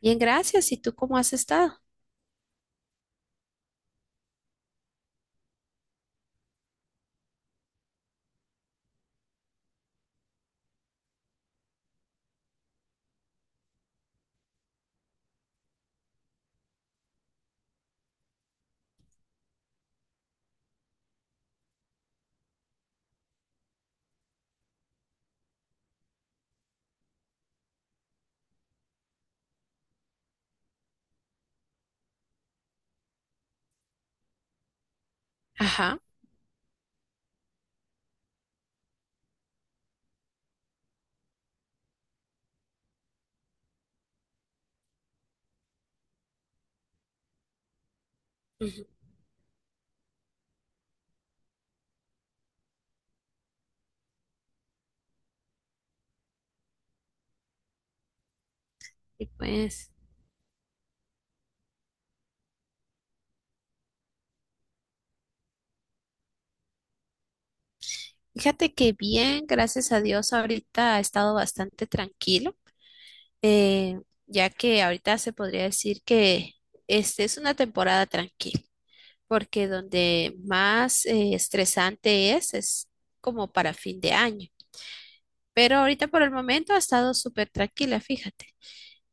Bien, gracias. ¿Y tú cómo has estado? Ajá. Ujú. Y pues, fíjate que bien, gracias a Dios, ahorita ha estado bastante tranquilo, eh, ya que ahorita se podría decir que es una temporada tranquila, porque donde más estresante es como para fin de año. Pero ahorita por el momento ha estado súper tranquila, fíjate.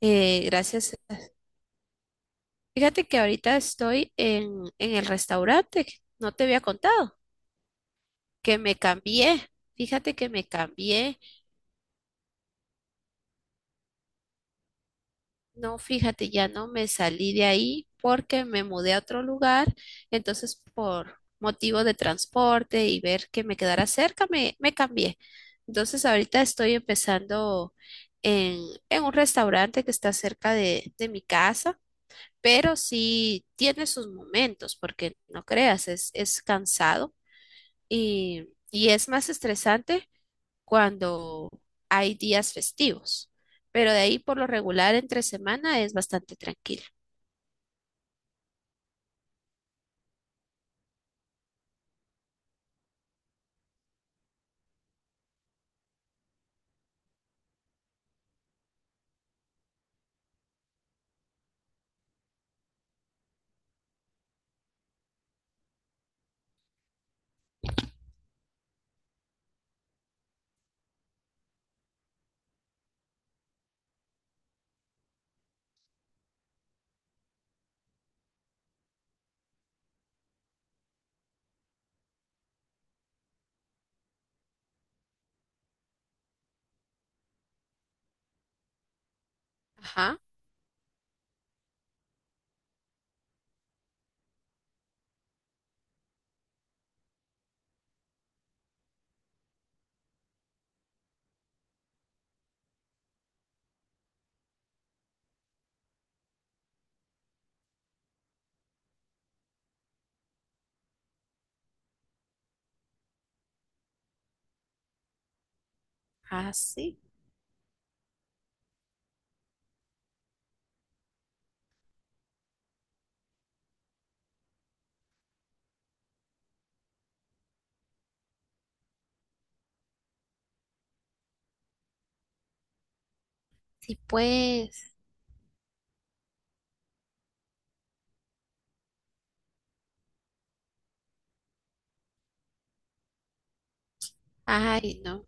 Gracias. Fíjate que ahorita estoy en el restaurante, no te había contado. Que me cambié. Fíjate que me cambié, no, fíjate, ya no me salí de ahí porque me mudé a otro lugar, entonces por motivo de transporte y ver que me quedara cerca, me cambié. Entonces ahorita estoy empezando en, en un restaurante que está cerca de mi casa, pero sí tiene sus momentos, porque no creas, es cansado y es más estresante cuando hay días festivos, pero de ahí por lo regular entre semana es bastante tranquilo. Ajá. Así. Sí, sí pues. Ay, no.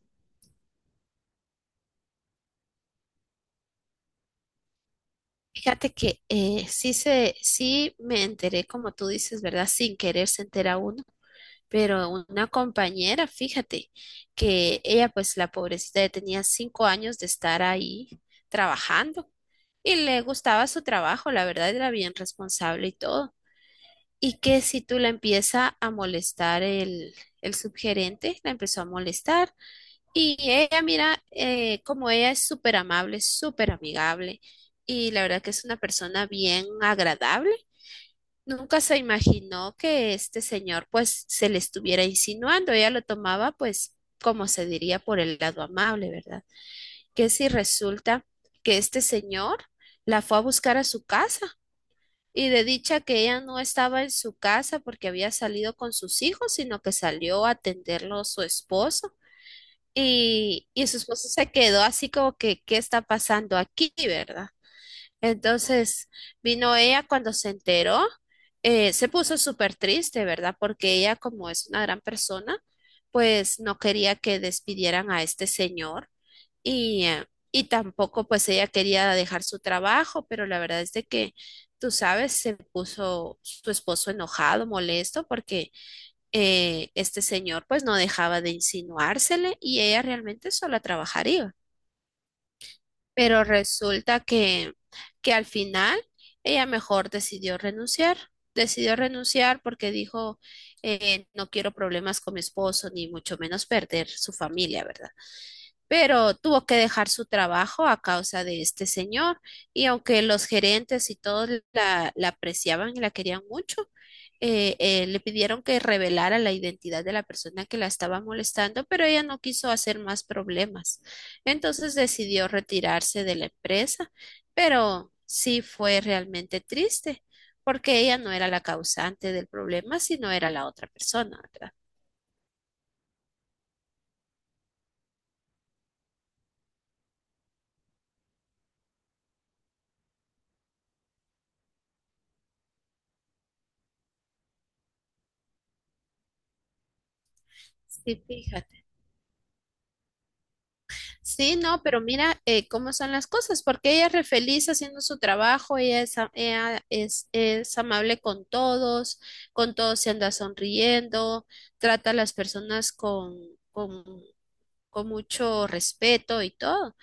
Fíjate que sí me enteré, como tú dices, ¿verdad? Sin querer se entera uno, pero una compañera, fíjate, que ella, pues la pobrecita, ya tenía 5 años de estar ahí trabajando y le gustaba su trabajo, la verdad era bien responsable y todo. Y que si tú la empieza a molestar el subgerente, la empezó a molestar. Y ella, mira, como ella es súper amable, súper amigable, y la verdad que es una persona bien agradable. Nunca se imaginó que este señor pues se le estuviera insinuando. Ella lo tomaba pues como se diría por el lado amable, ¿verdad? Que si resulta que este señor la fue a buscar a su casa y de dicha que ella no estaba en su casa porque había salido con sus hijos, sino que salió a atenderlo su esposo. Y su esposo se quedó así como que, ¿qué está pasando aquí, verdad? Entonces vino ella cuando se enteró, se puso súper triste, ¿verdad? Porque ella, como es una gran persona, pues no quería que despidieran a este señor. Y, eh, y tampoco pues ella quería dejar su trabajo, pero la verdad es de que, tú sabes, se puso su esposo enojado, molesto, porque este señor pues no dejaba de insinuársele y ella realmente sola trabajaría. Pero resulta que al final ella mejor decidió renunciar. Decidió renunciar porque dijo, no quiero problemas con mi esposo, ni mucho menos perder su familia, ¿verdad? Pero tuvo que dejar su trabajo a causa de este señor y aunque los gerentes y todos la apreciaban y la querían mucho, le pidieron que revelara la identidad de la persona que la estaba molestando, pero ella no quiso hacer más problemas. Entonces decidió retirarse de la empresa, pero sí fue realmente triste porque ella no era la causante del problema, sino era la otra persona, ¿verdad? Sí, fíjate. Sí, no, pero mira cómo son las cosas, porque ella es re feliz haciendo su trabajo, ella es amable con todos se anda sonriendo, trata a las personas con, con mucho respeto y todo,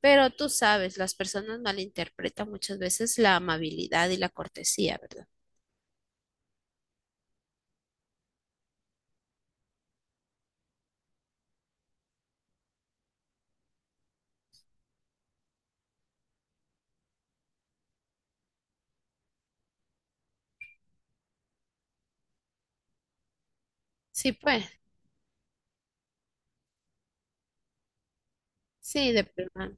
pero tú sabes, las personas malinterpretan muchas veces la amabilidad y la cortesía, ¿verdad? Sí, pues. Sí, de plano.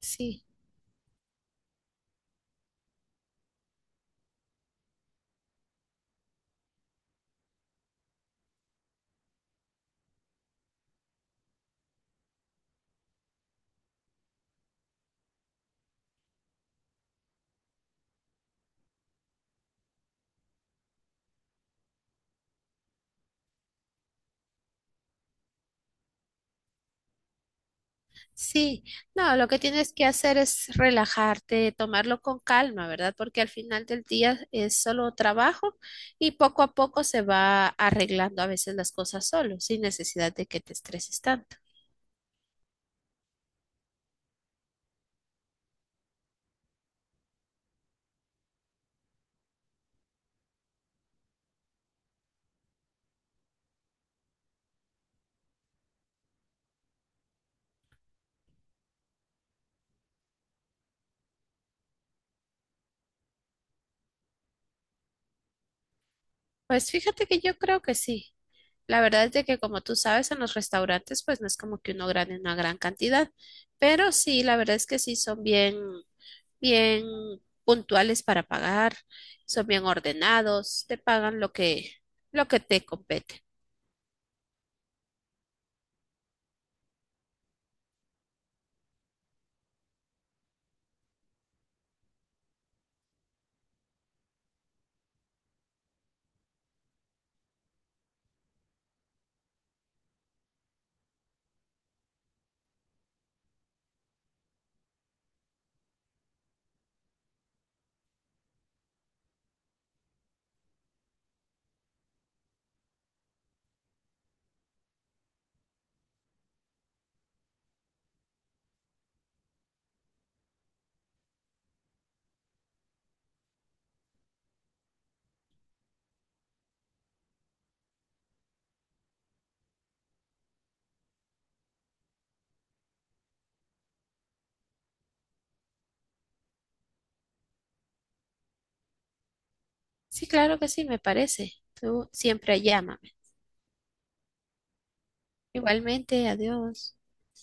Sí. Sí, no, lo que tienes que hacer es relajarte, tomarlo con calma, ¿verdad? Porque al final del día es solo trabajo y poco a poco se va arreglando a veces las cosas solo, sin necesidad de que te estreses tanto. Pues fíjate que yo creo que sí. La verdad es de que como tú sabes, en los restaurantes pues no es como que uno gane una gran cantidad, pero sí, la verdad es que sí son bien. Bien puntuales para pagar, son bien ordenados, te pagan lo lo que te compete. Sí, claro que sí, me parece. Tú siempre llámame. Igualmente, adiós.